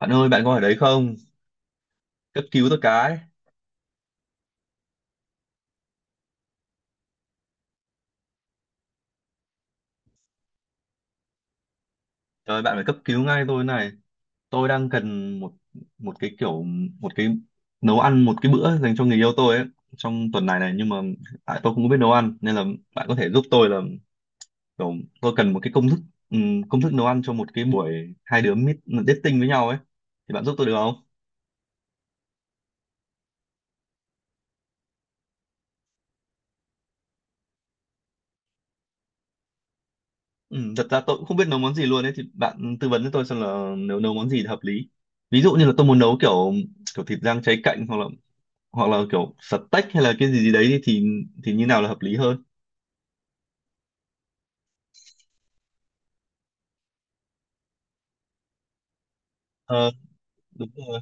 Bạn ơi, bạn có ở đấy không? Cấp cứu tôi cái. Trời, bạn phải cấp cứu ngay tôi này. Tôi đang cần một một cái kiểu một cái nấu ăn một cái bữa dành cho người yêu tôi ấy trong tuần này này nhưng mà tại tôi không biết nấu ăn nên là bạn có thể giúp tôi là kiểu tôi cần một cái công thức, công thức nấu ăn cho một cái buổi hai đứa meet dating với nhau ấy thì bạn giúp tôi được không? Ừ, thật ra tôi cũng không biết nấu món gì luôn ấy thì bạn tư vấn cho tôi xem là nấu nấu món gì thì hợp lý. Ví dụ như là tôi muốn nấu kiểu kiểu thịt rang cháy cạnh hoặc là kiểu stack hay là cái gì gì đấy thì như nào là hợp lý hơn. Ờ, đúng rồi.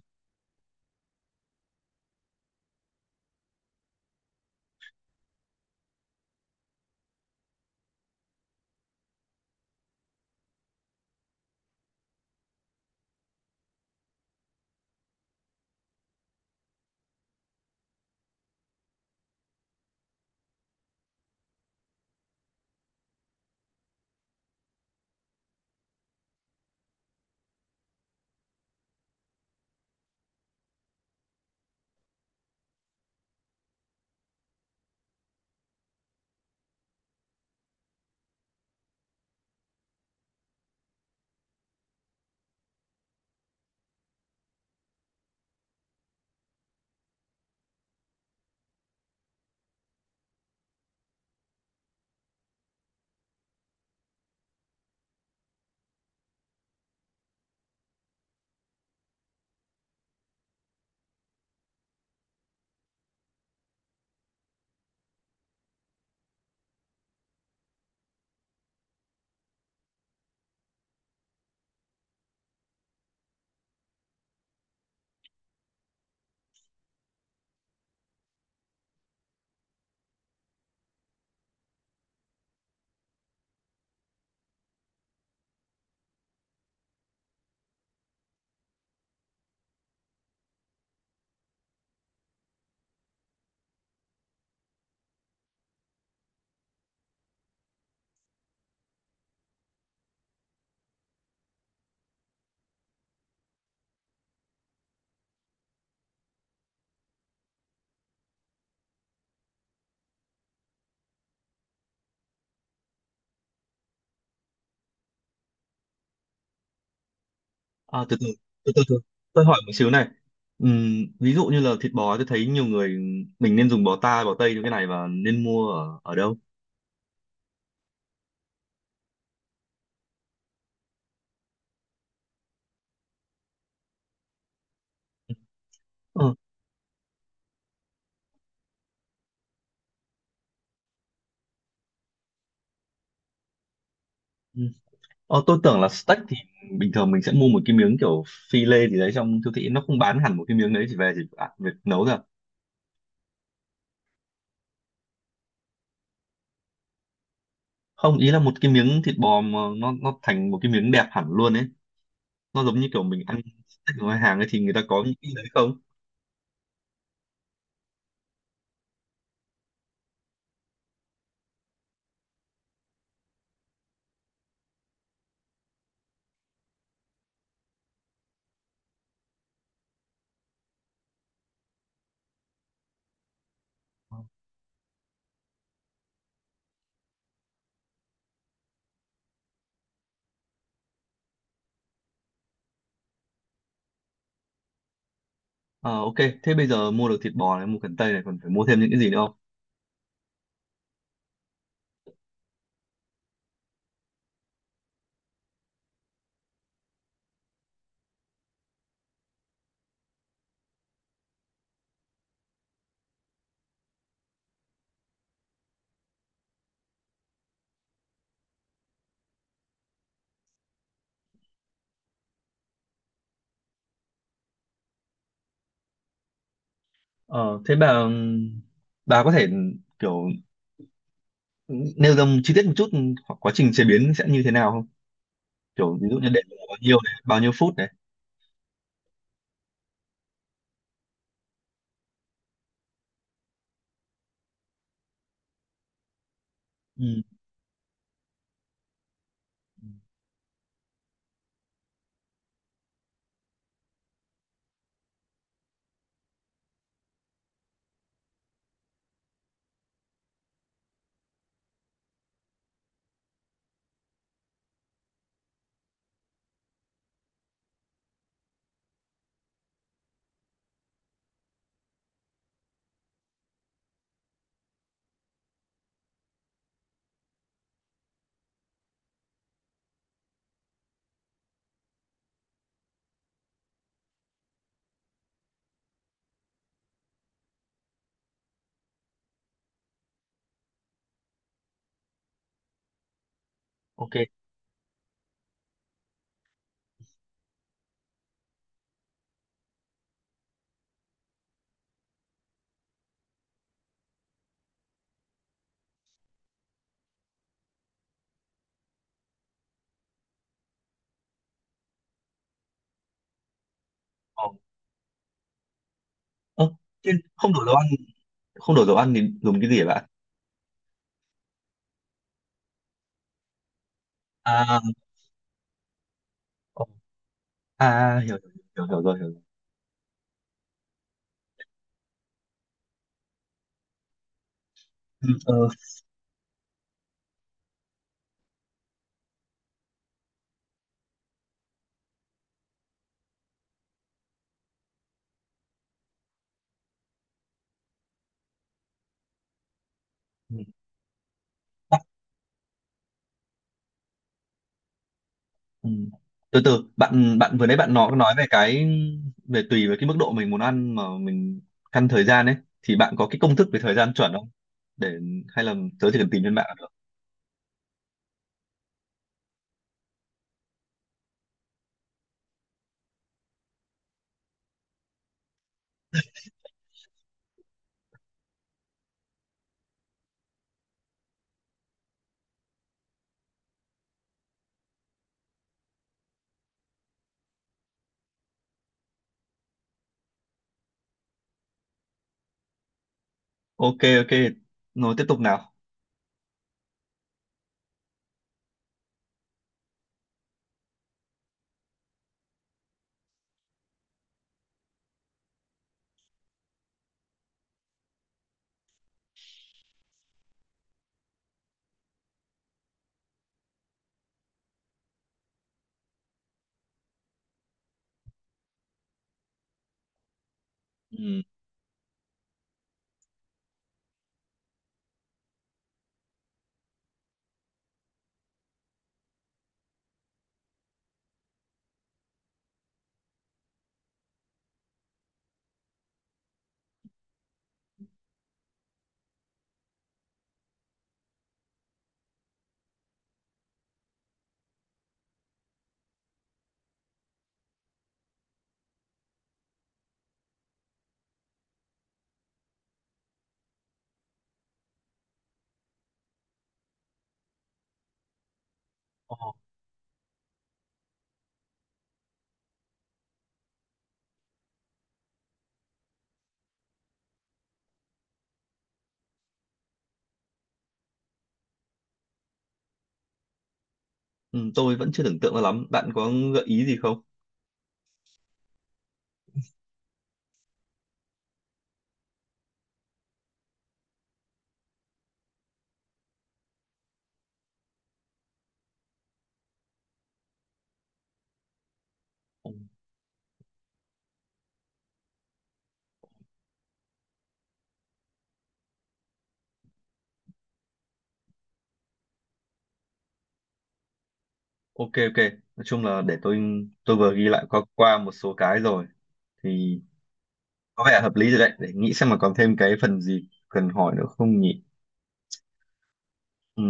À, từ từ từ từ từ, tôi hỏi một xíu này. Ví dụ như là thịt bò tôi thấy nhiều người mình nên dùng bò ta bò tây cho cái này và nên mua ở ở đâu? Ờ, ừ. Ờ, tôi tưởng là stack thì bình thường mình sẽ mua một cái miếng kiểu phi lê gì đấy, trong siêu thị nó không bán hẳn một cái miếng đấy chỉ về chỉ, à, việc nấu ra. Không, ý là một cái miếng thịt bò mà nó thành một cái miếng đẹp hẳn luôn ấy, nó giống như kiểu mình ăn steak ở ngoài hàng ấy, thì người ta có những cái đấy không? Ờ, ok, thế bây giờ mua được thịt bò này, mua cần tây này, còn phải mua thêm những cái gì nữa không? Ờ, thế bà có thể kiểu nêu ra chi tiết một chút hoặc quá trình chế biến sẽ như thế nào không? Kiểu ví dụ như để vào bao nhiêu này, bao nhiêu phút này. Ừ, ok. Ờ, ơ, thế không đổ dầu ăn, không đổ dầu ăn thì dùng cái gì hả bạn? À, ờ, à, hiểu, hiểu, hiểu, hiểu rồi, hiểu rồi. Ừ, ờ, ừ. Ừ. Từ từ, bạn bạn vừa nãy bạn nói về cái, về tùy với cái mức độ mình muốn ăn mà mình căn thời gian ấy, thì bạn có cái công thức về thời gian chuẩn không, để, hay là tớ chỉ cần tìm trên mạng là được? Ok, ok, rồi tiếp tục nào. Ừ. Ồ, ừ, tôi vẫn chưa tưởng tượng ra lắm, bạn có gợi ý gì không? Ừ. Ok, ok, nói chung là để tôi vừa ghi lại qua qua một số cái rồi, thì có vẻ hợp lý rồi đấy, để nghĩ xem mà còn thêm cái phần gì cần hỏi nữa không nhỉ. Ừ.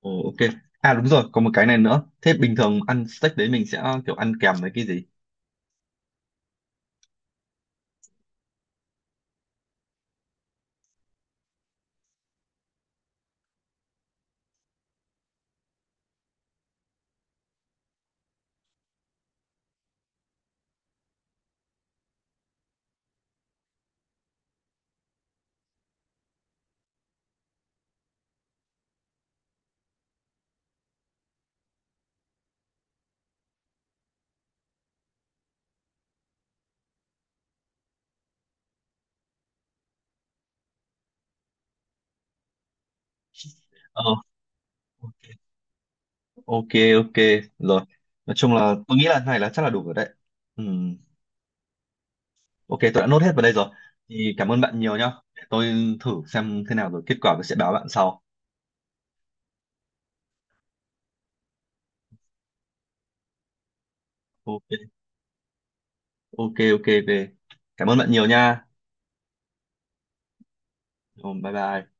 Ồ, ok. À đúng rồi, có một cái này nữa. Thế bình thường ăn steak đấy mình sẽ kiểu ăn kèm với cái gì? Ờ, ok, ok. Rồi. Nói chung là tôi nghĩ là này là chắc là đủ rồi đấy. Ừm, Ok, tôi đã nốt hết vào đây rồi. Thì cảm ơn bạn nhiều nhá. Để tôi thử xem thế nào rồi kết quả tôi sẽ báo bạn sau. Ok, ok, ok, ok. Cảm ơn bạn nhiều nha. Rồi, bye bye.